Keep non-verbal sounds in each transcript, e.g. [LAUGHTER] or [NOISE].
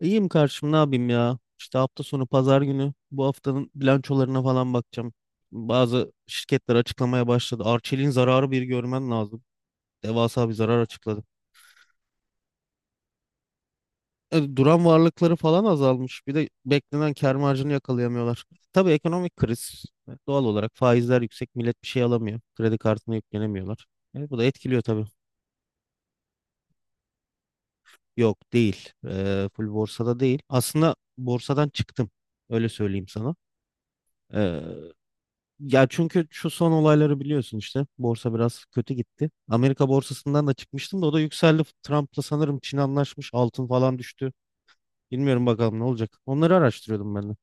İyiyim karşım ne yapayım ya? İşte hafta sonu pazar günü bu haftanın bilançolarına falan bakacağım. Bazı şirketler açıklamaya başladı. Arçelik'in zararı bir görmen lazım. Devasa bir zarar açıkladı. Duran varlıkları falan azalmış. Bir de beklenen kâr marjını yakalayamıyorlar. Tabii ekonomik kriz. Doğal olarak faizler yüksek. Millet bir şey alamıyor. Kredi kartına yüklenemiyorlar. Bu da etkiliyor tabii. Yok değil. Full borsada değil. Aslında borsadan çıktım. Öyle söyleyeyim sana. E, Ya çünkü şu son olayları biliyorsun işte. Borsa biraz kötü gitti. Amerika borsasından da çıkmıştım da o da yükseldi. Trump'la sanırım Çin anlaşmış. Altın falan düştü. Bilmiyorum bakalım ne olacak. Onları araştırıyordum ben de.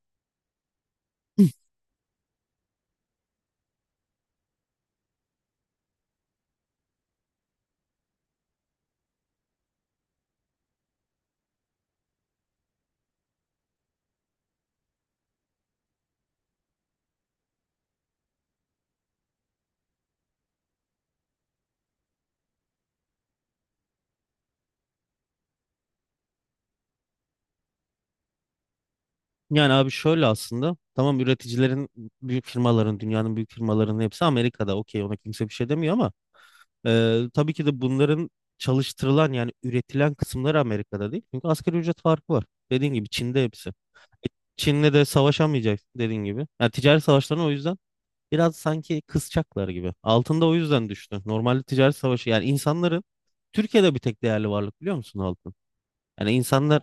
Yani abi şöyle aslında. Tamam, üreticilerin büyük firmaların, dünyanın büyük firmalarının hepsi Amerika'da. Okey, ona kimse bir şey demiyor ama tabii ki de bunların çalıştırılan yani üretilen kısımları Amerika'da değil. Çünkü asgari ücret farkı var. Dediğin gibi Çin'de hepsi. Çin'le de savaşamayacak dediğin gibi. Yani ticaret savaşlarına o yüzden biraz sanki kısacaklar gibi. Altında o yüzden düştü. Normalde ticaret savaşı, yani insanların Türkiye'de bir tek değerli varlık biliyor musun? Altın. Yani insanlar,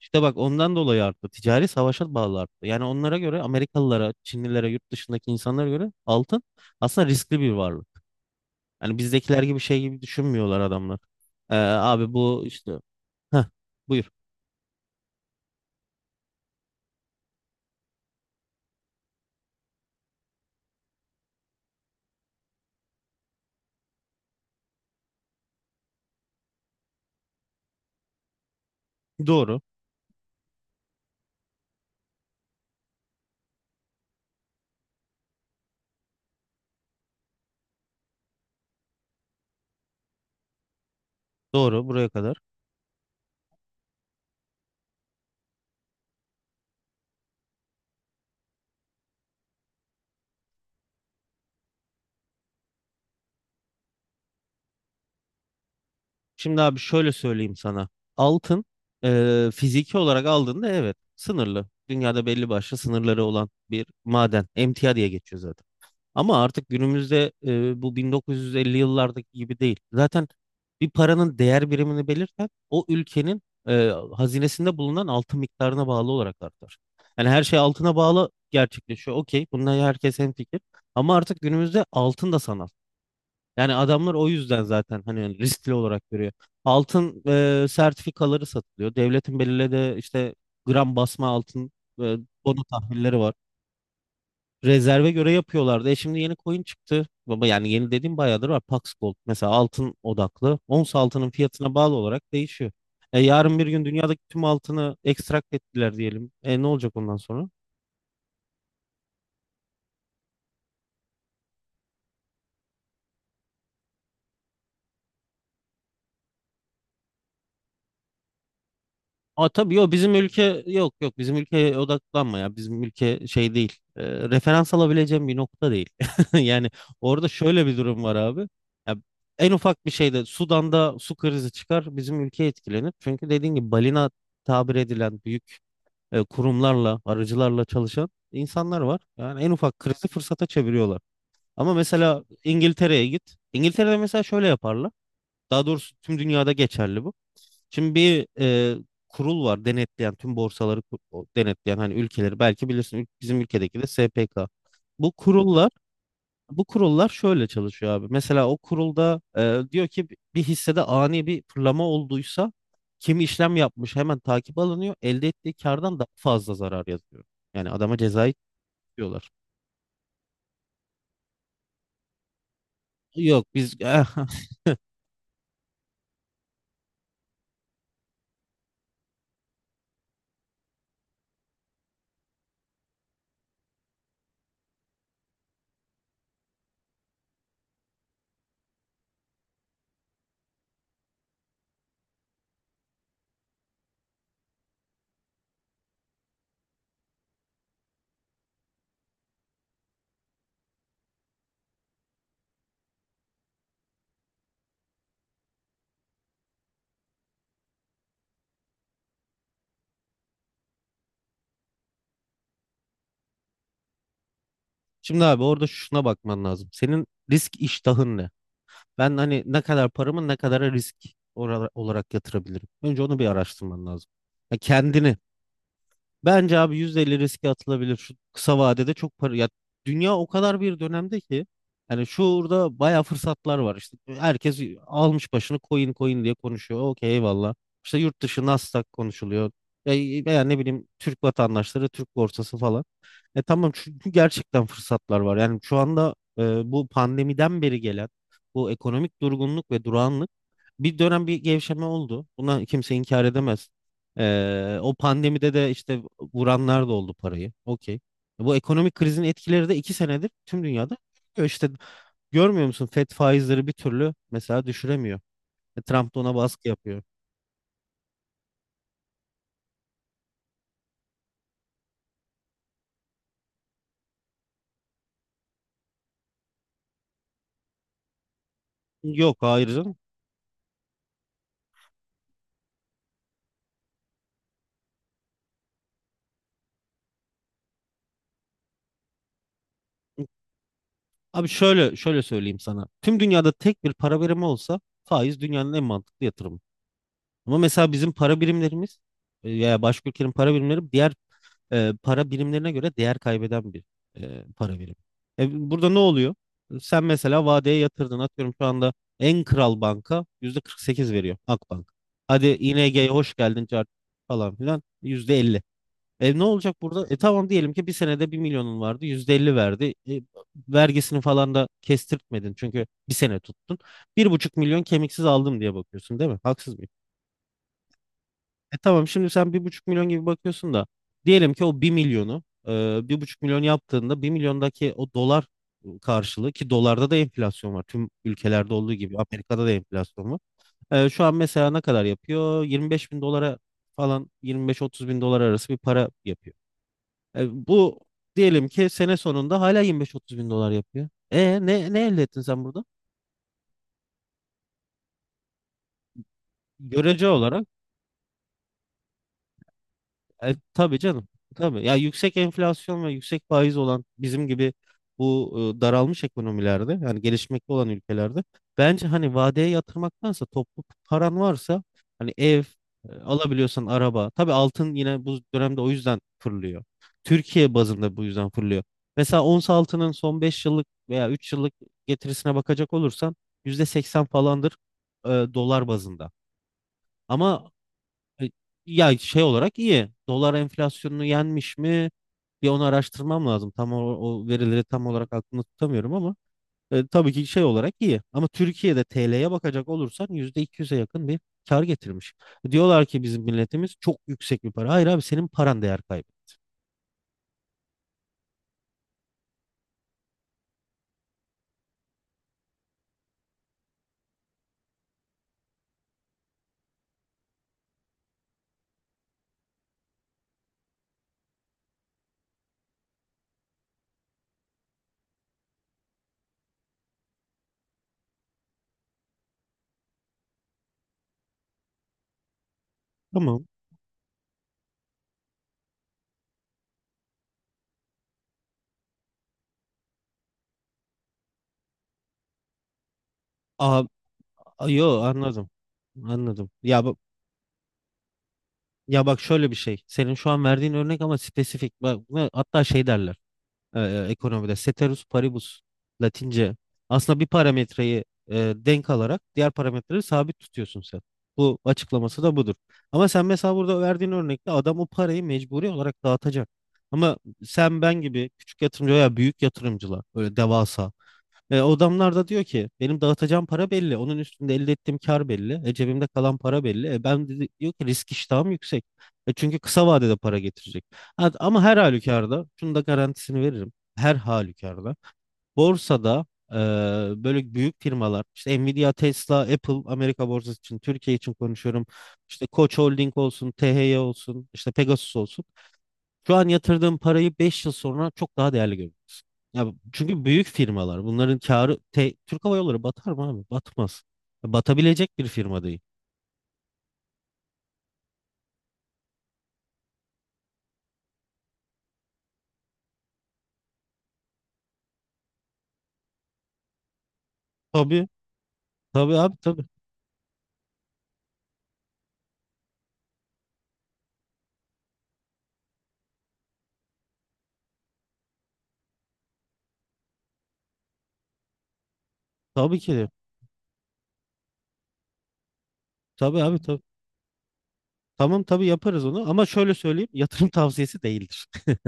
işte bak, ondan dolayı arttı. Ticari savaşa bağlı arttı. Yani onlara göre, Amerikalılara, Çinlilere, yurt dışındaki insanlara göre altın aslında riskli bir varlık. Yani bizdekiler gibi şey gibi düşünmüyorlar adamlar. Abi bu işte. Heh, buyur. Doğru. Doğru buraya kadar. Şimdi abi şöyle söyleyeyim sana. Altın fiziki olarak aldığında evet sınırlı. Dünyada belli başlı sınırları olan bir maden. Emtia diye geçiyor zaten. Ama artık günümüzde bu 1950 yıllardaki gibi değil. Zaten bir paranın değer birimini belirten o ülkenin hazinesinde bulunan altın miktarına bağlı olarak artar. Yani her şey altına bağlı gerçekleşiyor. Okey, bununla herkes hemfikir. Ama artık günümüzde altın da sanal. Yani adamlar o yüzden zaten hani riskli olarak görüyor. Altın sertifikaları satılıyor. Devletin belirlediği işte gram basma altın e, bono tahvilleri var. Rezerve göre yapıyorlardı. E, şimdi yeni coin çıktı. Baba, yani yeni dediğim bayağıdır var. Pax Gold mesela, altın odaklı. Ons altının fiyatına bağlı olarak değişiyor. E, yarın bir gün dünyadaki tüm altını ekstrakt ettiler diyelim. E, ne olacak ondan sonra? Aa, tabii yok, bizim ülke, yok yok, bizim ülkeye odaklanma ya, bizim ülke şey değil. Referans alabileceğim bir nokta değil [LAUGHS] yani. Orada şöyle bir durum var abi, ya, en ufak bir şeyde Sudan'da su krizi çıkar bizim ülke etkilenir, çünkü dediğin gibi balina tabir edilen büyük kurumlarla, arıcılarla çalışan insanlar var, yani en ufak krizi fırsata çeviriyorlar. Ama mesela İngiltere'ye git, İngiltere'de mesela şöyle yaparlar, daha doğrusu tüm dünyada geçerli bu. Şimdi bir kurul var denetleyen tüm borsaları, o denetleyen hani ülkeleri, belki bilirsin, bizim ülkedeki de SPK. Bu kurullar bu kurullar şöyle çalışıyor abi. Mesela o kurulda diyor ki bir hissede ani bir fırlama olduysa, kim işlem yapmış hemen takip alınıyor. Elde ettiği kardan daha fazla zarar yazıyor. Yani adama cezayı tutuyorlar. Yok biz. [LAUGHS] Şimdi abi, orada şuna bakman lazım. Senin risk iştahın ne? Ben hani ne kadar paramı, ne kadar risk olarak yatırabilirim? Önce onu bir araştırman lazım. Ya kendini. Bence abi %50 riske atılabilir. Şu kısa vadede çok para. Ya, dünya o kadar bir dönemde ki. Hani şurada bayağı fırsatlar var. İşte herkes almış başını coin coin diye konuşuyor. Okey, eyvallah. İşte yurt dışı Nasdaq konuşuluyor. Ya, veya ne bileyim, Türk vatandaşları, Türk borsası falan. E, tamam, çünkü gerçekten fırsatlar var. Yani şu anda bu pandemiden beri gelen bu ekonomik durgunluk ve durağanlık, bir dönem bir gevşeme oldu. Buna kimse inkar edemez. O pandemide de işte vuranlar da oldu parayı. Okey. Bu ekonomik krizin etkileri de 2 senedir tüm dünyada görülüyor. İşte görmüyor musun? Fed faizleri bir türlü mesela düşüremiyor. Trump da ona baskı yapıyor. Yok, hayır canım. Abi şöyle söyleyeyim sana. Tüm dünyada tek bir para birimi olsa, faiz dünyanın en mantıklı yatırımı. Ama mesela bizim para birimlerimiz, ya başka ülkenin para birimleri, diğer para birimlerine göre değer kaybeden bir para birimi. Burada ne oluyor? Sen mesela vadeye yatırdın. Atıyorum, şu anda en kral banka yüzde 48 veriyor, Akbank. Hadi ING'ye hoş geldin cart falan filan, yüzde 50. Ne olacak burada? Tamam, diyelim ki bir senede bir milyonun vardı, yüzde 50 verdi. Vergisini falan da kestirtmedin çünkü bir sene tuttun. Bir buçuk milyon kemiksiz aldım diye bakıyorsun, değil mi? Haksız mı? Tamam, şimdi sen bir buçuk milyon gibi bakıyorsun da, diyelim ki o bir milyonu bir buçuk milyon yaptığında, bir milyondaki o dolar karşılığı, ki dolarda da enflasyon var. Tüm ülkelerde olduğu gibi Amerika'da da enflasyon var. Şu an mesela ne kadar yapıyor? 25 bin dolara falan, 25-30 bin dolar arası bir para yapıyor. Bu, diyelim ki sene sonunda hala 25-30 bin dolar yapıyor. Ne elde ettin sen burada? Görece olarak. Tabii canım. Tabii. Ya yüksek enflasyon ve yüksek faiz olan bizim gibi bu daralmış ekonomilerde, yani gelişmekte olan ülkelerde, bence hani vadeye yatırmaktansa, toplu paran varsa, hani ev, alabiliyorsan araba. Tabii altın yine bu dönemde o yüzden fırlıyor. Türkiye bazında bu yüzden fırlıyor. Mesela ons altının son 5 yıllık veya 3 yıllık getirisine bakacak olursan, %80 falandır dolar bazında. Ama e, ya şey olarak iyi. Dolar enflasyonunu yenmiş mi? Bir onu araştırmam lazım. Tam o verileri tam olarak aklımda tutamıyorum ama tabii ki şey olarak iyi. Ama Türkiye'de TL'ye bakacak olursan %200'e yakın bir kar getirmiş. Diyorlar ki bizim milletimiz çok yüksek bir para. Hayır abi, senin paran değer kaybı. Tamam. Aa, yo anladım. Anladım. Ya bak, şöyle bir şey. Senin şu an verdiğin örnek ama spesifik. Bak, ve hatta şey derler. e, Ekonomide ceteris paribus, Latince, aslında bir parametreyi denk alarak diğer parametreleri sabit tutuyorsun sen. Bu açıklaması da budur. Ama sen mesela burada verdiğin örnekte adam o parayı mecburi olarak dağıtacak. Ama sen ben gibi küçük yatırımcı veya büyük yatırımcılar böyle devasa, o adamlar da diyor ki benim dağıtacağım para belli. Onun üstünde elde ettiğim kar belli. Cebimde kalan para belli. Ben dedi, diyor ki risk iştahım yüksek. Çünkü kısa vadede para getirecek. Ha, ama her halükarda şunu da garantisini veririm. Her halükarda borsada, e, böyle büyük firmalar, işte Nvidia, Tesla, Apple, Amerika borsası için, Türkiye için konuşuyorum. İşte Koç Holding olsun, THY olsun, işte Pegasus olsun. Şu an yatırdığın parayı 5 yıl sonra çok daha değerli görürsün. Ya, çünkü büyük firmalar, bunların karı, Türk Hava Yolları batar mı abi? Batmaz. Ya, batabilecek bir firma değil. Tabii. Tabii abi tabii. Tabii ki de. Tabii abi tabii. Tamam, tabii yaparız onu ama şöyle söyleyeyim, yatırım tavsiyesi değildir. [LAUGHS]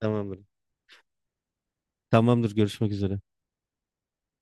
Tamamdır. Tamamdır, görüşmek üzere.